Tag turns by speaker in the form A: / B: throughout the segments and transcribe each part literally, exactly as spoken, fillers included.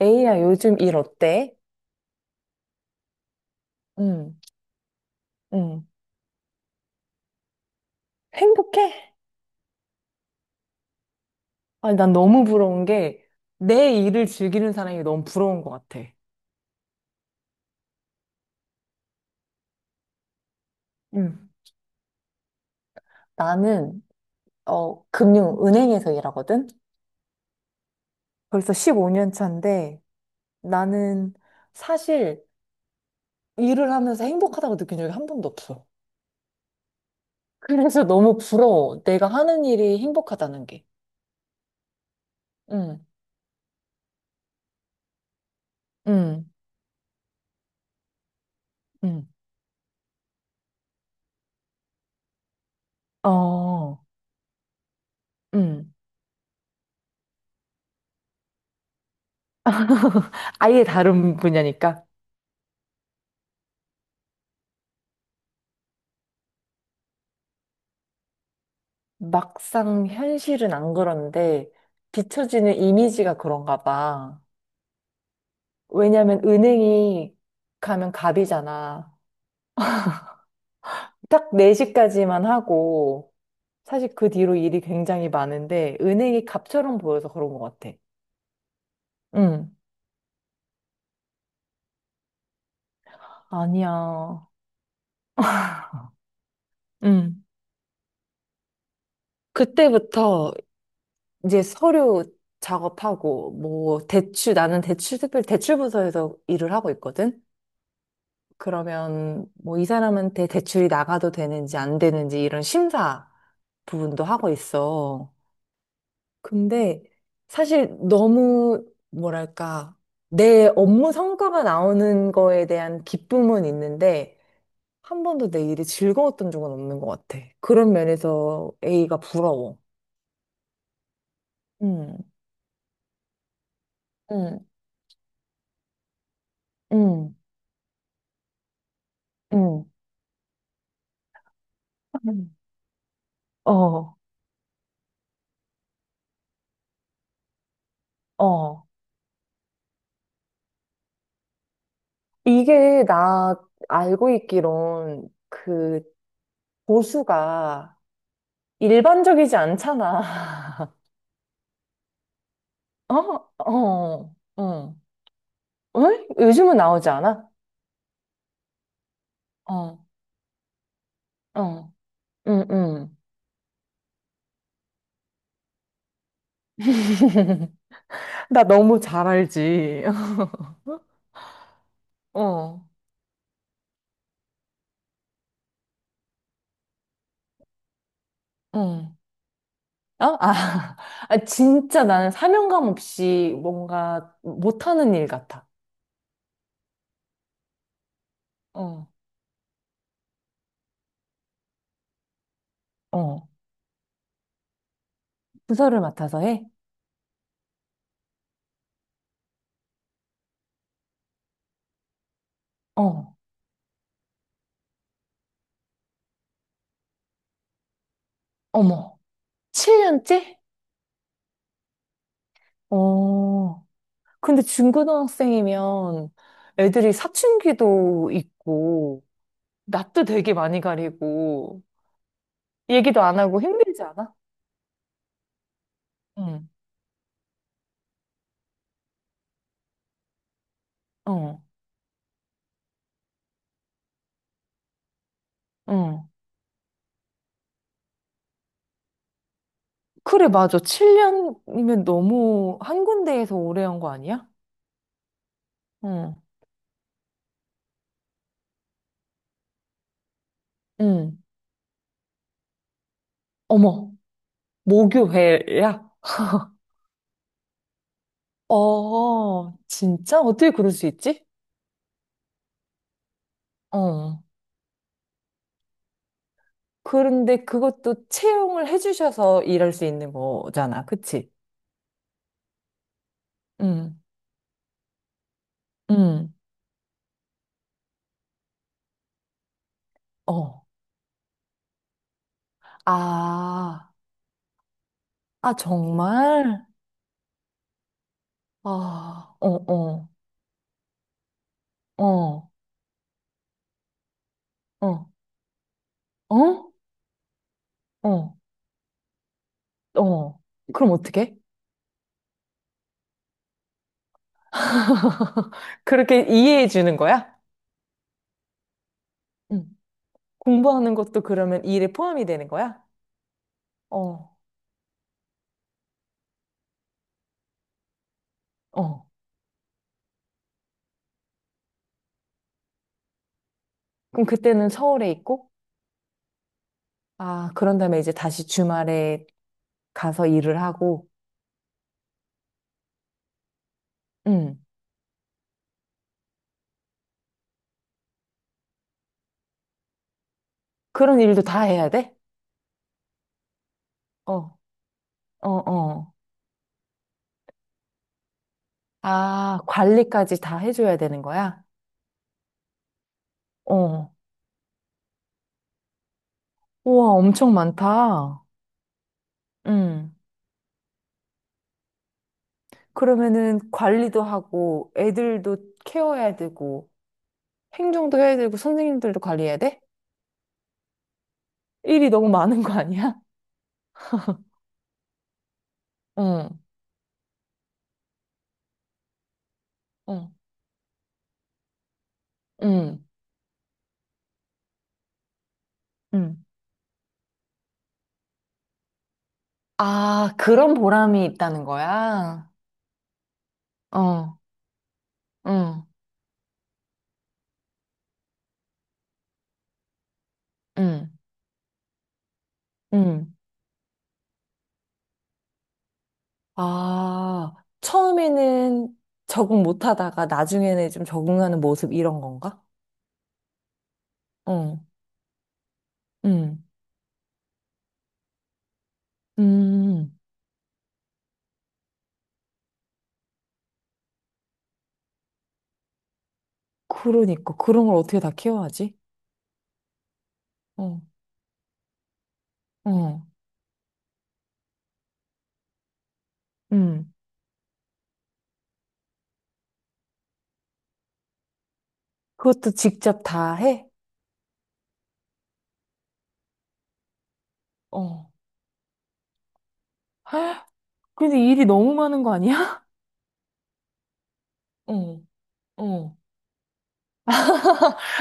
A: A야, 요즘 일 어때? 응, 응. 행복해? 아니, 난 너무 부러운 게, 내 일을 즐기는 사람이 너무 부러운 것 같아. 응. 나는, 어, 금융, 은행에서 일하거든? 벌써 십오 년 차인데 나는 사실 일을 하면서 행복하다고 느낀 적이 한 번도 없어. 그래서 너무 부러워. 내가 하는 일이 행복하다는 게. 응, 응, 응. 어, 응. 아예 다른 분야니까. 막상 현실은 안 그런데 비춰지는 이미지가 그런가 봐. 왜냐면 은행이 가면 갑이잖아. 딱 네 시까지만 하고 사실 그 뒤로 일이 굉장히 많은데 은행이 갑처럼 보여서 그런 것 같아. 응. 아니야. 응. 그때부터 이제 서류 작업하고 뭐 대출 나는 대출 특별 대출부서에서 일을 하고 있거든. 그러면 뭐 이 사람한테 대출이 나가도 되는지 안 되는지 이런 심사 부분도 하고 있어. 근데 사실 너무 뭐랄까 내 업무 성과가 나오는 거에 대한 기쁨은 있는데 한 번도 내 일이 즐거웠던 적은 없는 것 같아. 그런 면에서 A가 부러워. 음, 음, 음, 음. 음. 어, 어. 이게 나 알고 있기론 그 보수가 일반적이지 않잖아. 어? 어, 어. 응? 요즘은 나오지 않아? 어, 어, 응, 응. 나 너무 잘 알지. 어, 응. 어? 아, 아, 진짜 나는 사명감 없이 뭔가 못하는 일 같아. 어, 어. 부서를 맡아서 해? 어, 어머. 칠 년째? 어, 근데 중고등학생이면 애들이 사춘기도 있고, 낯도 되게 많이 가리고, 얘기도 안 하고 힘들지 않아? 응, 어, 응. 그래, 맞아. 칠 년이면 너무 한 군데에서 오래 한 거 아니야? 응, 응. 어머, 모교회야? 어, 진짜? 어떻게 그럴 수 있지? 어. 그런데 그것도 채용을 해주셔서 일할 수 있는 거잖아. 그치? 응, 응, 어. 아, 아, 정말? 아, 어, 어, 어. 어. 어? 어, 어. 그럼 어떻게? 그렇게 이해해 주는 거야? 응. 공부하는 것도 그러면 이 일에 포함이 되는 거야? 어, 어. 그럼 그때는 서울에 있고, 아, 그런 다음에 이제 다시 주말에 가서 일을 하고, 응. 그런 일도 다 해야 돼? 어, 어, 어. 아, 관리까지 다 해줘야 되는 거야? 어. 우와, 엄청 많다. 응. 그러면은 관리도 하고, 애들도 케어해야 되고, 행정도 해야 되고 선생님들도 관리해야 돼? 일이 너무 많은 거 아니야? 응, 응 응. 응. 아, 그런 보람이 있다는 거야? 어, 응, 응, 응. 아, 처음에는 적응 못 하다가 나중에는 좀 적응하는 모습 이런 건가? 어, 응 음, 그러니까. 그런 걸 어떻게 다 키워야지? 어, 어, 음, 그것도 직접 다 해? 어, 근데 일이 너무 많은 거 아니야? 어. 어.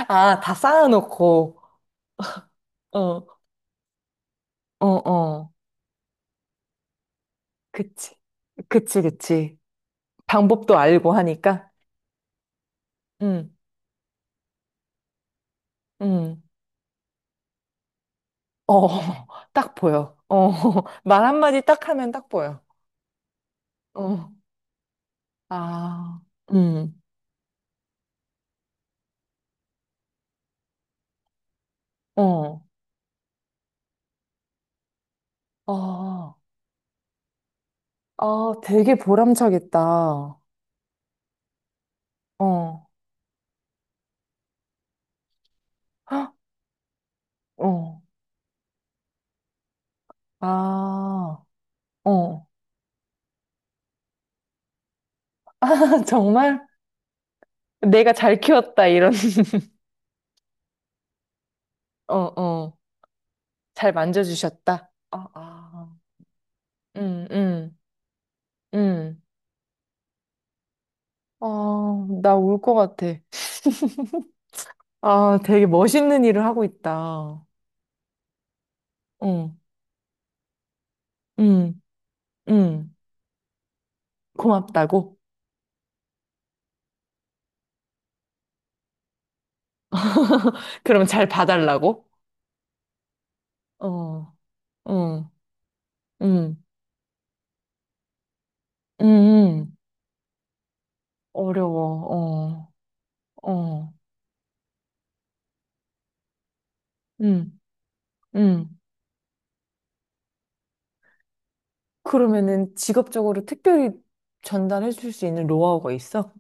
A: 아, 다 쌓아놓고. 어, 어, 어. 그치. 그치, 그치. 방법도 알고 하니까. 응, 응. 어, 딱 보여. 어, 말 한마디 딱 하면 딱 보여. 어, 아, 음, 어, 아 아, 되게 보람차겠다. 어, 헉, 어, 아, 어. 아, 정말? 내가 잘 키웠다, 이런. 어, 어. 잘 만져주셨다. 아, 아. 응, 응, 응. 아, 나 울 것 같아. 아, 되게 멋있는 일을 하고 있다. 응 응, 응. 고맙다고? 그럼 잘 봐달라고? 어, 응, 응, 응, 응. 어려워. 어, 어. 응, 응, 그러면은 직업적으로 특별히 전달해 줄 수 있는 노하우가 있어?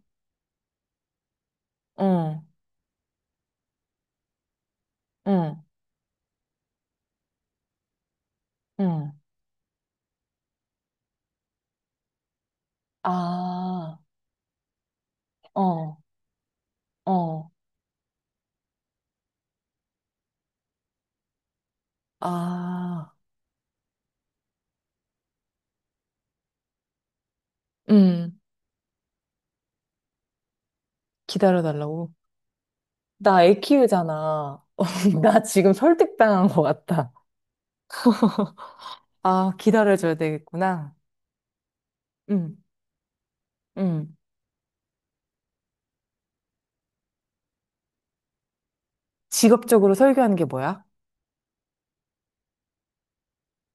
A: 어, 어, 어, 아, 어, 어, 아, 응. 기다려 달라고? 나 애 키우잖아. 나 지금 설득당한 것 같다. 아, 기다려줘야 되겠구나. 응, 응. 직업적으로 설교하는 게 뭐야?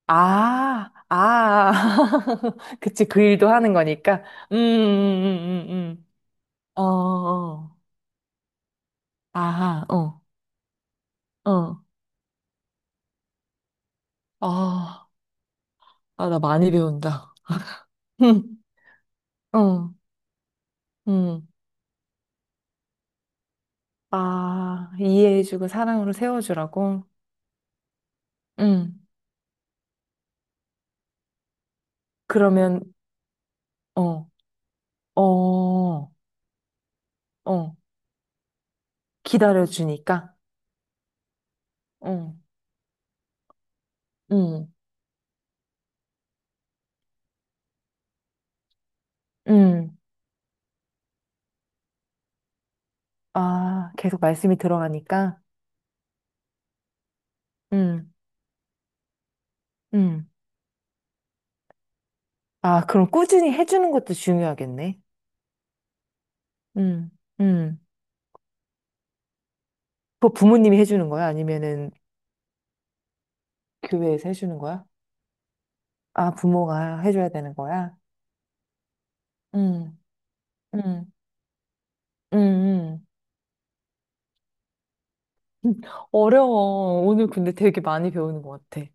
A: 아, 아. 그치, 그 일도 하는 거니까. 음, 음, 음, 음. 음. 어, 어. 아하, 어, 어. 아, 아, 나 많이 배운다. 음, 어, 음. 아, 이해해주고 사랑으로 세워주라고? 응. 그러면, 어, 어. 어, 기다려주니까. 어, 음, 음. 아, 계속 말씀이 들어가니까. 음, 음. 아, 그럼 꾸준히 해주는 것도 중요하겠네. 음, 음. 그거 부모님이 해주는 거야? 아니면은 교회에서 해주는 거야? 아, 부모가 해줘야 되는 거야? 음, 음, 음, 음. 어려워. 오늘 근데 되게 많이 배우는 것 같아.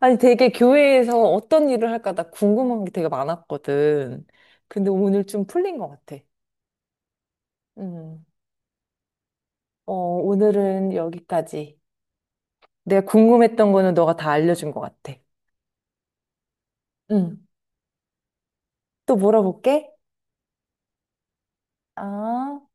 A: 아니, 되게 교회에서 어떤 일을 할까 나 궁금한 게 되게 많았거든. 근데 오늘 좀 풀린 것 같아. 음. 어, 오늘은 여기까지. 내가 궁금했던 거는 너가 다 알려준 것 같아. 응. 또 물어볼게. 아.